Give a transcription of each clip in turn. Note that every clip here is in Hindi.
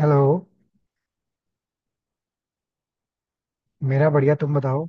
हेलो। मेरा बढ़िया, तुम बताओ।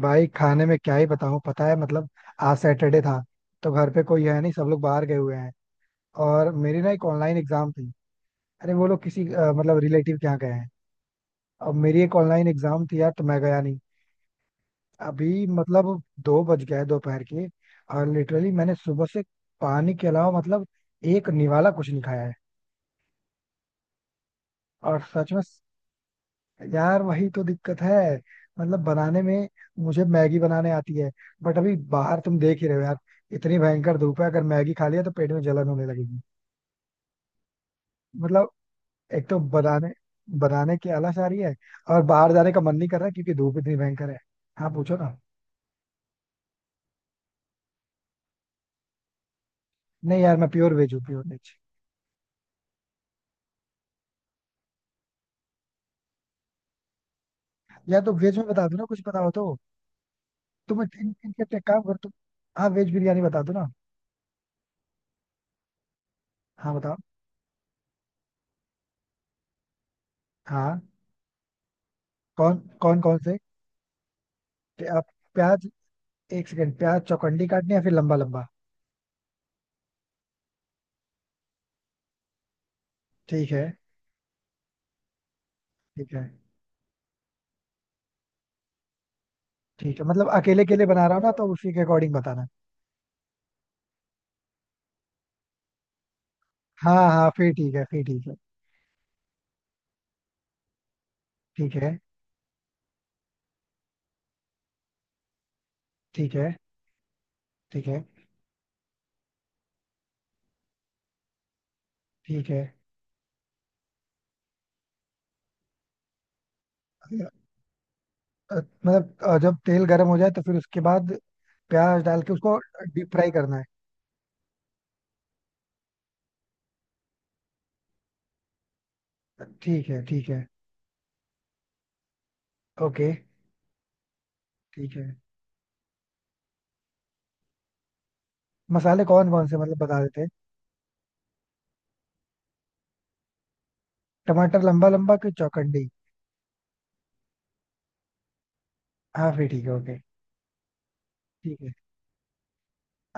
भाई खाने में क्या ही बताऊं, पता है मतलब आज सैटरडे था। तो घर पे कोई है नहीं, सब लोग बाहर गए हुए हैं। और मेरी ना एक ऑनलाइन एग्जाम थी। अरे वो लोग किसी मतलब रिलेटिव के यहाँ गए हैं। अब मेरी एक ऑनलाइन एग्जाम थी यार, तो मैं गया नहीं। अभी मतलब 2 बज गए दोपहर के। और लिटरली मैंने सुबह से पानी के अलावा मतलब एक निवाला कुछ नहीं खाया है। और सच में यार वही तो दिक्कत है, मतलब बनाने में। मुझे मैगी बनाने आती है, बट अभी बाहर तुम देख ही रहे हो यार, इतनी भयंकर धूप है। अगर मैगी खा लिया तो पेट में जलन होने लगेगी। मतलब एक तो बनाने बनाने की आलस आ रही है, और बाहर जाने का मन नहीं कर रहा क्योंकि धूप इतनी भयंकर है। हाँ, पूछो ना। नहीं यार, मैं प्योर वेज हूँ, प्योर वेज। या तो वेज में बता दो ना कुछ पता हो तो। तुम एक एक- एक- एक- एक काम करो तुम हाँ, वेज बिरयानी बता दो ना। हाँ, बताओ। हाँ। कौन कौन कौन से? आप। प्याज। एक सेकंड, प्याज चौकंडी काटनी है फिर लंबा लंबा? ठीक है। ठीक है। ठीक है मतलब अकेले के लिए बना रहा हूँ ना, तो उसी के अकॉर्डिंग बताना। हाँ हाँ, फिर ठीक है, फिर ठीक है। ठीक है। ठीक है। ठीक है। ठीक है। अ, अ, मतलब जब तेल गर्म हो जाए तो फिर उसके बाद प्याज डाल के उसको डीप फ्राई करना है। ठीक है ठीक है। ओके। ठीक है। मसाले कौन कौन से, मतलब बता देते हैं। टमाटर लंबा लंबा कि चौकंडी? हाँ फिर ठीक है, ओके। ठीक है।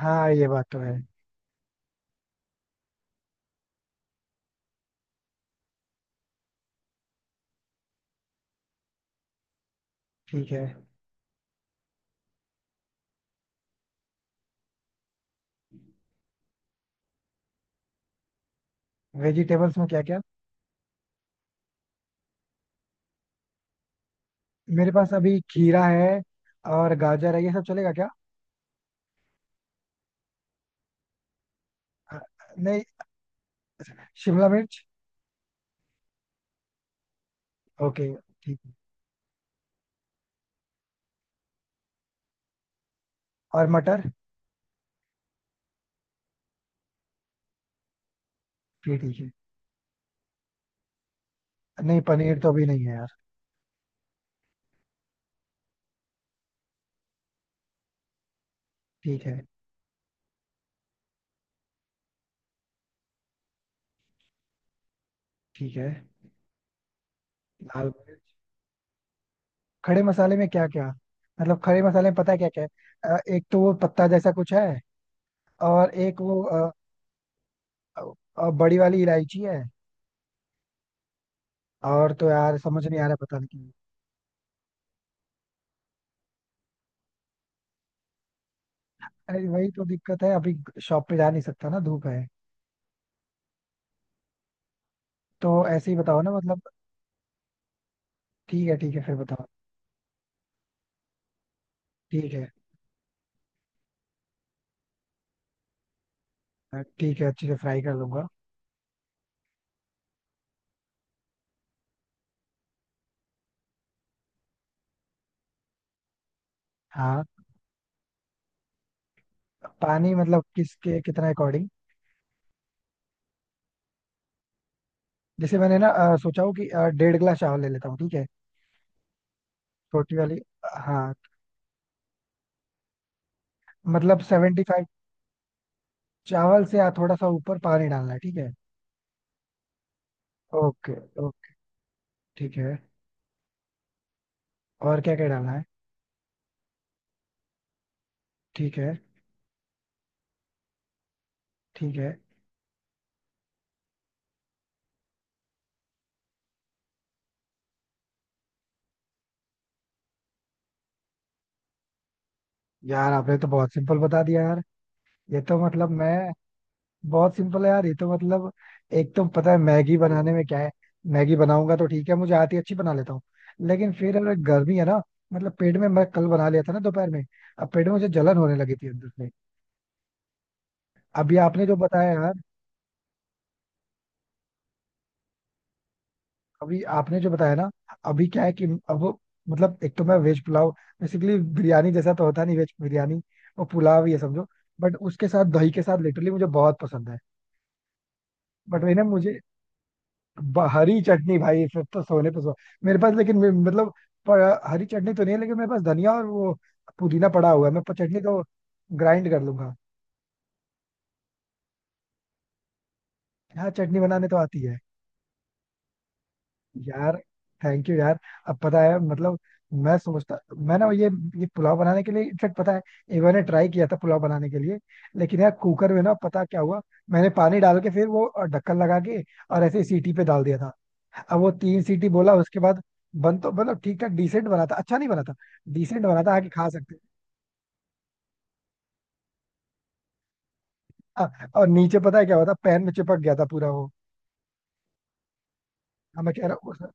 हाँ, ये बात तो है। ठीक है। वेजिटेबल्स में क्या क्या? मेरे पास अभी खीरा है और गाजर है, ये सब चलेगा क्या? हाँ। नहीं, शिमला मिर्च। ओके। ठीक है। और मटर? फिर ठीक है। नहीं, पनीर तो अभी नहीं है यार। ठीक है। ठीक है। लाल मिर्च। खड़े मसाले में क्या क्या? मतलब खड़े मसाले में पता है क्या क्या है, एक तो वो पत्ता जैसा कुछ है। और एक वो अ, बड़ी वाली इलायची है। और तो यार समझ नहीं आ रहा, पता नहीं क्यों। अरे वही तो दिक्कत है अभी, शॉप पे जा नहीं सकता ना, धूप है। तो ऐसे ही बताओ ना मतलब। ठीक है ठीक है, फिर बताओ। ठीक है। ठीक है, अच्छे से फ्राई कर लूंगा। हाँ। पानी मतलब किसके कितना अकॉर्डिंग? जैसे मैंने ना सोचा हूँ कि डेढ़ गिलास चावल ले लेता हूँ, ठीक है। छोटी वाली। हाँ। मतलब 75। चावल से थोड़ा सा ऊपर पानी डालना है, ठीक है। ओके। ओके। ठीक है। और क्या क्या डालना है? ठीक है। ठीक है। यार आपने तो बहुत सिंपल बता दिया यार। ये तो मतलब मैं बहुत सिंपल है यार, ये तो मतलब एक तो पता है मैगी बनाने में क्या है। मैगी बनाऊंगा तो ठीक है, मुझे आती है, अच्छी बना लेता हूँ। लेकिन फिर अगर गर्मी है ना, मतलब पेट में, मैं कल बना लिया था ना दोपहर में, अब पेट में मुझे जलन होने लगी थी अंदर से। अभी आपने जो बताया यार, अभी आपने जो बताया ना, अभी क्या है कि अब वो- मतलब एक तो मैं वेज पुलाव, बेसिकली बिरयानी जैसा तो होता नहीं वेज बिरयानी, वो पुलाव ये समझो। बट उसके साथ दही के साथ लिटरली मुझे बहुत पसंद है। बट वही ना मुझे, हरी चटनी भाई फिर तो सोने पे सो। मेरे पास लेकिन मे- मतलब हरी चटनी तो नहीं है, लेकिन मेरे पास धनिया और वो पुदीना पड़ा हुआ है, मैं चटनी तो ग्राइंड कर लूंगा। हाँ, चटनी बनाने तो आती है। यार थैंक यू यार। अब पता है मतलब मैं सोचता मैं ना ये पुलाव बनाने के लिए, इनफेक्ट पता है, एक बार ट्राई किया था पुलाव बनाने के लिए। लेकिन यार कुकर में ना पता क्या हुआ, मैंने पानी डाल के फिर वो ढक्कन लगा के और ऐसे ही सीटी पे डाल दिया था। अब वो 3 सीटी बोला उसके बाद बन तो मतलब ठीक ठाक डिसेंट बना था, अच्छा नहीं बना था, डिसेंट बना था, आके खा सकते थे। हाँ, और नीचे पता है क्या हुआ था, पैन में चिपक गया था पूरा वो। हाँ मैं कह रहा हूँ उस-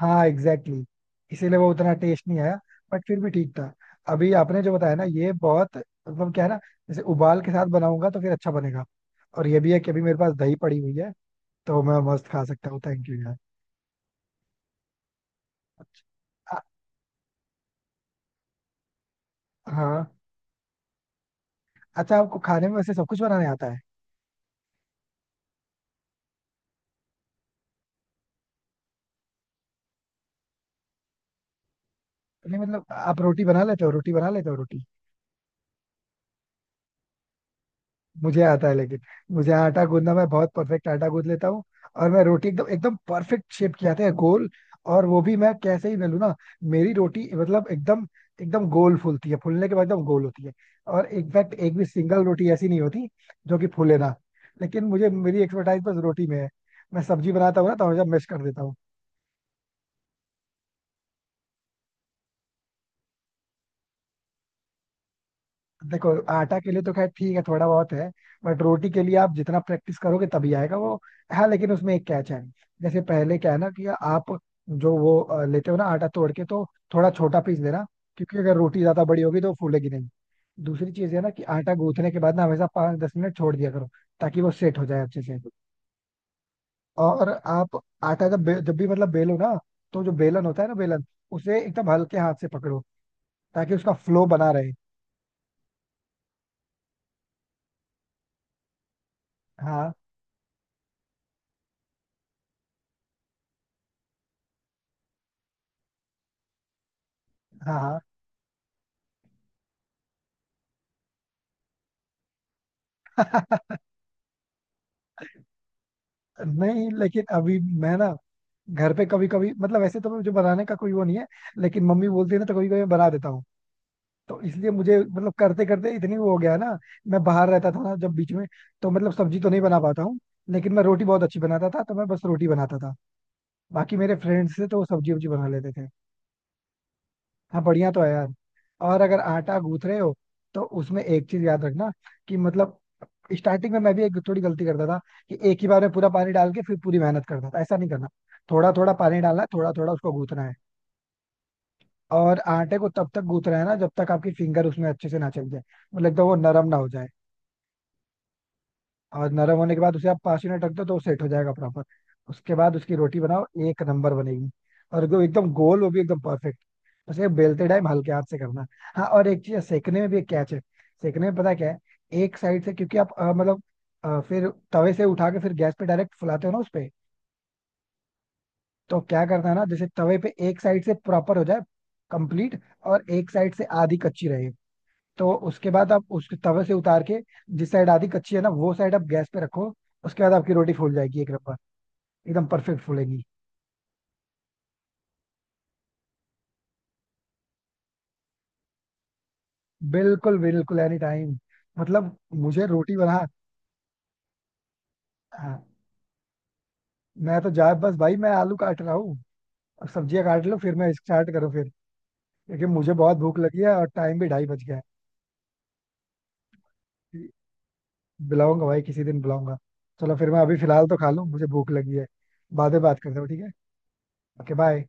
हाँ एग्जैक्टली, exactly. इसीलिए वो उतना टेस्ट नहीं आया। बट फिर भी ठीक था। अभी आपने जो बताया ना ये बहुत, मतलब क्या है ना, जैसे उबाल के साथ बनाऊंगा तो फिर अच्छा बनेगा। और ये भी है कि अभी मेरे पास दही पड़ी हुई है, तो मैं मस्त खा सकता हूँ। थैंक यू यार। अच्छा। आ- हाँ। अच्छा आपको खाने में वैसे सब कुछ बनाने आता है? नहीं मतलब आप रोटी बना लेते हो, रोटी बना लेते हो रोटी। मुझे आता है, लेकिन मुझे आटा गूंदना, मैं बहुत परफेक्ट आटा गूंद लेता हूँ। और मैं रोटी एकदम एकदम परफेक्ट शेप की आती है, गोल। और वो भी मैं कैसे ही बेलूँ ना, मेरी रोटी मतलब एकदम एकदम गोल फूलती है, फूलने के बाद एकदम गोल होती है। और इनफैक्ट एक भी सिंगल रोटी ऐसी नहीं होती जो कि फूले ना। लेकिन मुझे, मेरी एक्सपर्टाइज बस रोटी में है। मैं सब्जी बनाता हूँ ना तो हमेशा मैश कर देता हूँ। देखो, आटा के लिए तो खैर ठीक है, थोड़ा बहुत है। बट रोटी के लिए आप जितना प्रैक्टिस करोगे तभी आएगा वो। हाँ लेकिन उसमें एक कैच है। जैसे पहले क्या है ना कि आप जो वो लेते हो ना आटा तोड़ के, तो थोड़ा छोटा पीस लेना, क्योंकि अगर रोटी ज्यादा बड़ी होगी तो वो फूलेगी नहीं। दूसरी चीज है ना कि आटा गूंथने के बाद ना हमेशा 5 10 मिनट छोड़ दिया करो, ताकि वो सेट हो जाए अच्छे से। और आप आटा जब भी मतलब बेलो ना, तो जो बेलन होता है ना, बेलन, उसे एकदम हल्के हाथ से पकड़ो, ताकि उसका फ्लो बना रहे। हाँ हाँ हाँ। नहीं लेकिन अभी मैं ना, घर पे कभी कभी मतलब, वैसे तो मुझे बनाने का कोई वो नहीं है, लेकिन मम्मी बोलती है ना तो कभी कभी मैं बना देता हूँ, तो इसलिए मुझे मतलब करते करते इतनी वो हो गया ना। मैं बाहर रहता था ना जब बीच में, तो मतलब सब्जी तो नहीं बना पाता हूँ, लेकिन मैं रोटी बहुत अच्छी बनाता था तो मैं बस रोटी बनाता था। बाकी मेरे फ्रेंड्स से तो वो सब्जी वब्जी बना लेते थे। हाँ बढ़िया तो है यार। और अगर आटा गूंथ रहे हो तो उसमें एक चीज याद रखना, कि मतलब स्टार्टिंग में मैं भी एक थोड़ी गलती करता था, कि एक ही बार में पूरा पानी डाल के फिर पूरी मेहनत करता था। ऐसा नहीं करना, थोड़ा थोड़ा पानी डालना है, थोड़ा थोड़ा उसको गूंथना है। और आटे को तब तक गूंथना है ना जब तक आपकी फिंगर उसमें अच्छे से ना चल जाए, मतलब एकदम वो नरम ना हो जाए। और नरम होने के बाद उसे आप 5 मिनट रख दो तो वो सेट हो जाएगा प्रॉपर। उसके बाद उसकी रोटी बनाओ, एक नंबर बनेगी। और वो एकदम गोल, वो भी एकदम परफेक्ट। बस ये बेलते टाइम हल्के हाथ से करना। हाँ और एक चीज है, सेकने में भी एक कैच है। सेकने में पता क्या है, एक साइड से, क्योंकि आप मतलब फिर तवे से उठा के फिर गैस पे डायरेक्ट फुलाते हो ना उस पे। तो क्या करना है ना, जैसे तवे पे एक साइड से प्रॉपर हो जाए, कंप्लीट, और एक साइड से आधी कच्ची रहे। तो उसके बाद आप उस तवे से उतार के जिस साइड आधी कच्ची है ना, वो साइड आप गैस पे रखो। उसके बाद आपकी रोटी फूल जाएगी, एक नंबर, एकदम परफेक्ट फूलेगी। बिल्कुल बिल्कुल, एनी टाइम। मतलब मुझे रोटी बना हाँ। मैं तो जा, बस भाई मैं आलू काट रहा हूँ, अब सब्जियां काट लो फिर मैं स्टार्ट करूँ फिर। क्योंकि मुझे बहुत भूख लगी है, और टाइम भी 2:30 बज गया है। बुलाऊंगा भाई, किसी दिन बुलाऊंगा। चलो फिर, मैं अभी फिलहाल तो खा लूँ, मुझे भूख लगी है। बाद में बात करते हो, ठीक है। Okay bye.